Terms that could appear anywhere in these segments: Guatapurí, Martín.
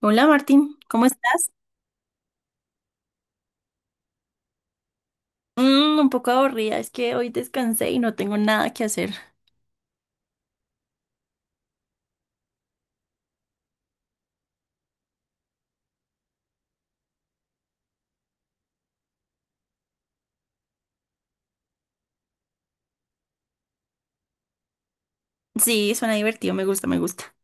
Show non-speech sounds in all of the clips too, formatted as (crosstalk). Hola Martín, ¿cómo estás? Un poco aburrida, es que hoy descansé y no tengo nada que hacer. Sí, suena divertido, me gusta.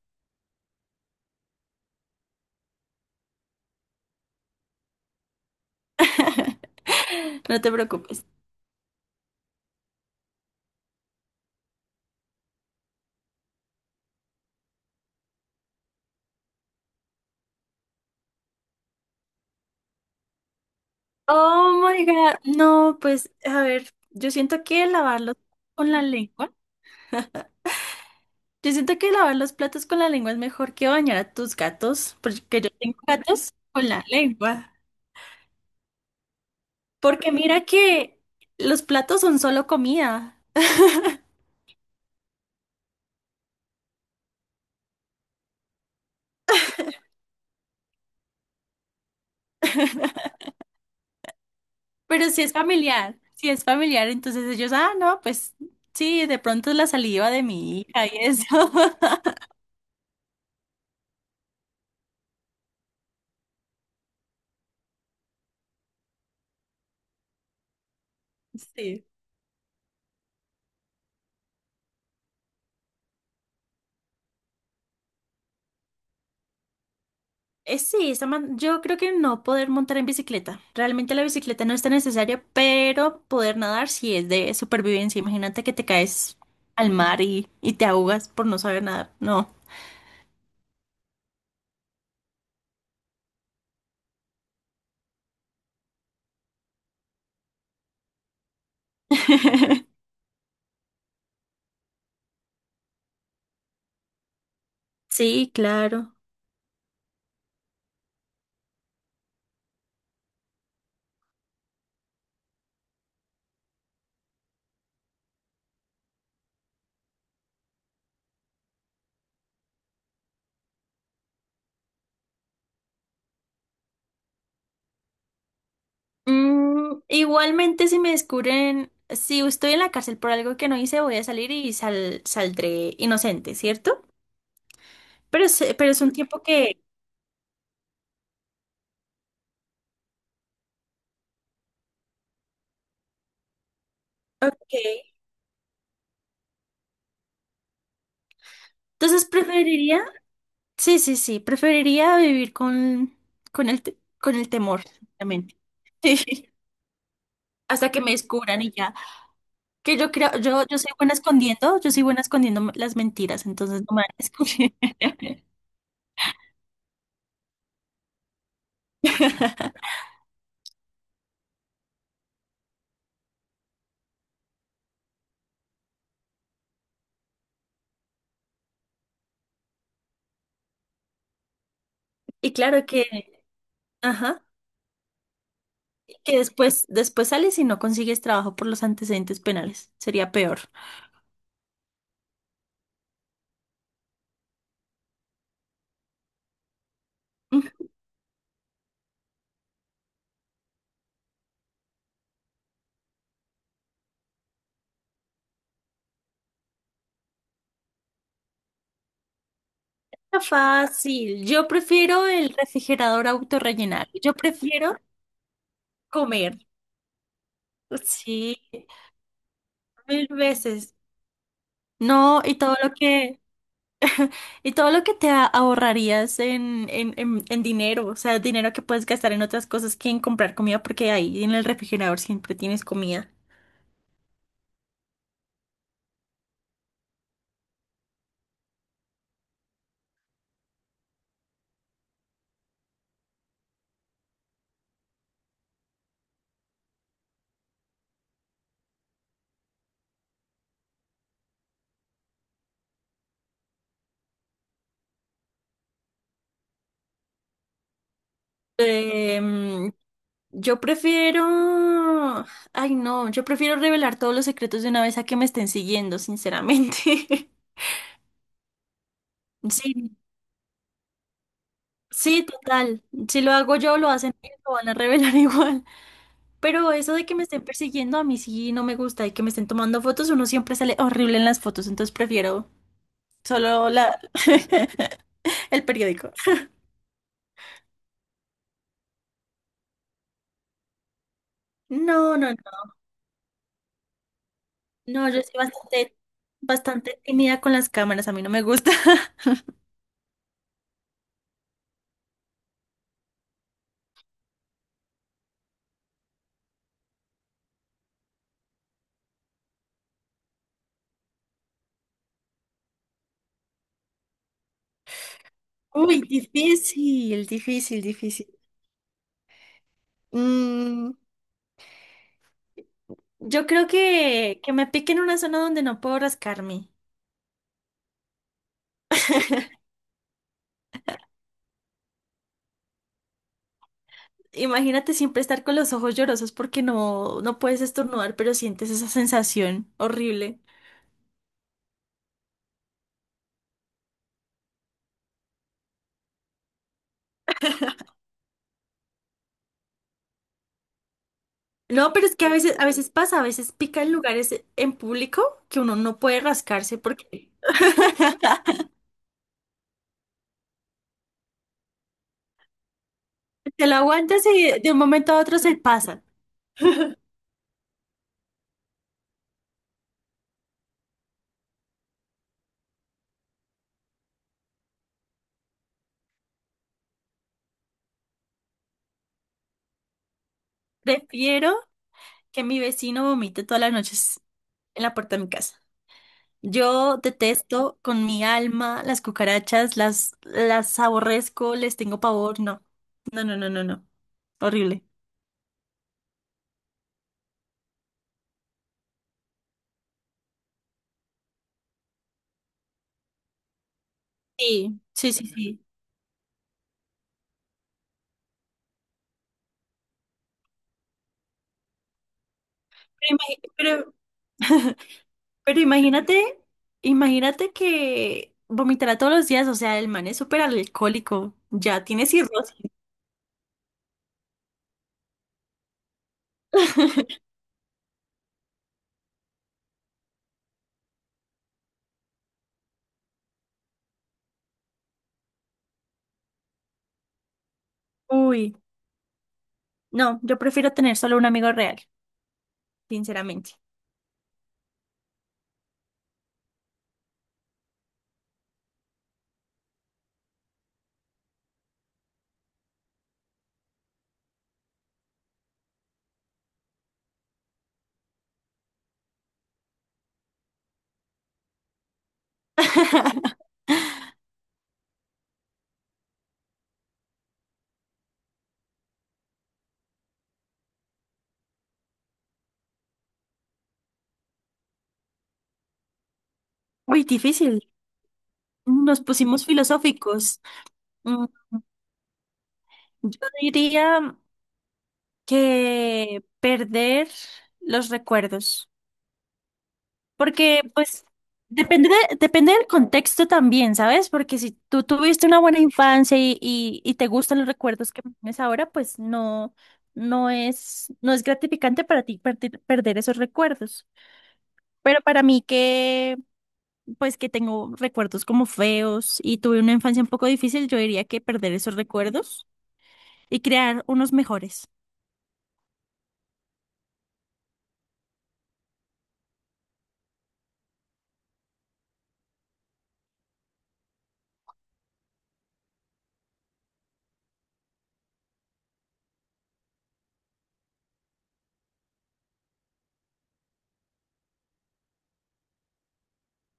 (laughs) No te preocupes. Oh my God, no, pues a ver, yo siento que lavarlos con la lengua, yo siento que lavar los platos con la lengua es mejor que bañar a tus gatos, porque yo tengo gatos con la lengua. Porque mira que los platos son solo comida. Pero si es familiar, entonces ellos, ah, no, pues sí, de pronto es la saliva de mi hija y eso. (laughs) Sí. Sí, yo creo que no poder montar en bicicleta. Realmente la bicicleta no está necesaria, pero poder nadar sí es de supervivencia. Imagínate que te caes al mar y te ahogas por no saber nadar. No. (laughs) Sí, claro. Igualmente, si me descubren, si estoy en la cárcel por algo que no hice, voy a salir y saldré inocente, ¿cierto? Pero es un tiempo que... Ok. Entonces preferiría... Sí, sí, sí. Preferiría vivir con el, con el temor, exactamente. (laughs) Sí. Hasta que me descubran y ya. Que yo creo, yo, soy buena escondiendo, yo soy buena escondiendo las mentiras, entonces no me van a descubrir. (laughs) Y claro que, ajá, que después sales y no consigues trabajo por los antecedentes penales. Sería peor. Mm, Está fácil. Yo prefiero el refrigerador autorrellenable. Yo prefiero comer. Sí, mil veces. No, y todo lo que ahorrarías en dinero, o sea, dinero que puedes gastar en otras cosas que en comprar comida, porque ahí en el refrigerador siempre tienes comida. Em, yo prefiero, ay no, yo prefiero revelar todos los secretos de una vez a que me estén siguiendo, sinceramente. (laughs) Sí, sí, total. Si lo hago yo, lo hacen ellos, lo van a revelar (laughs) igual. Pero eso de que me estén persiguiendo, a mí sí no me gusta. Y que me estén tomando fotos, uno siempre sale horrible en las fotos. Entonces prefiero solo la... (laughs) el periódico. No, no, no. No, bastante tímida con las cámaras. A mí no me gusta. (laughs) Uy, difícil, difícil, difícil. Mm, yo creo que me pique en una zona donde no puedo rascarme. Imagínate siempre estar con los ojos llorosos porque no, no puedes estornudar, pero sientes esa sensación horrible. No, pero es que a veces pasa, a veces pica en lugares en público que uno no puede rascarse porque (laughs) te lo aguantas y de un momento a otro se pasa. Prefiero que mi vecino vomite todas las noches en la puerta de mi casa. Yo detesto con mi alma las cucarachas, las aborrezco, les tengo pavor, no. No, no, no, no, no. Horrible. Sí, sí, sí, sí. Pero, (laughs) pero imagínate, imagínate que vomitará todos los días, o sea, el man es súper alcohólico, ya tiene cirrosis. (laughs) Uy, no, yo prefiero tener solo un amigo real, sinceramente. (laughs) Uy, difícil. Nos pusimos filosóficos. Mm, Yo diría que perder los recuerdos. Porque, pues, depende del contexto también, ¿sabes? Porque si tú tuviste una buena infancia y te gustan los recuerdos que tienes ahora, pues no, no es gratificante para ti perder, perder esos recuerdos. Pero para mí que, pues, que tengo recuerdos como feos y tuve una infancia un poco difícil, yo diría que perder esos recuerdos y crear unos mejores.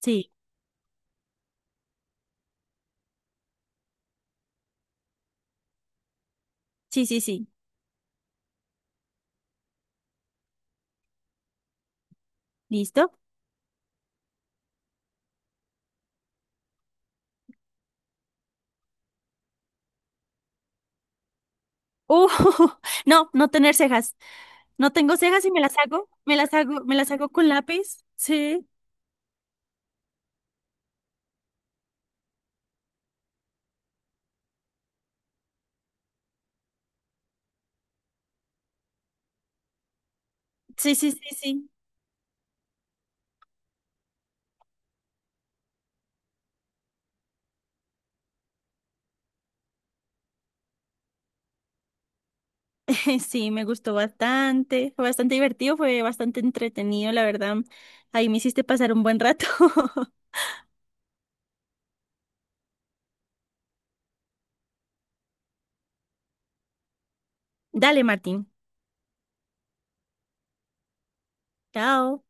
Sí, sí, sí, sí. ¿Listo? Uh, (laughs) no, no tener cejas. No tengo cejas y me las hago con lápiz. Sí, sí, sí, sí, sí. (laughs) Sí, me gustó bastante. Fue bastante divertido, fue bastante entretenido, la verdad. Ahí me hiciste pasar un buen rato. (laughs) Dale, Martín. Chao.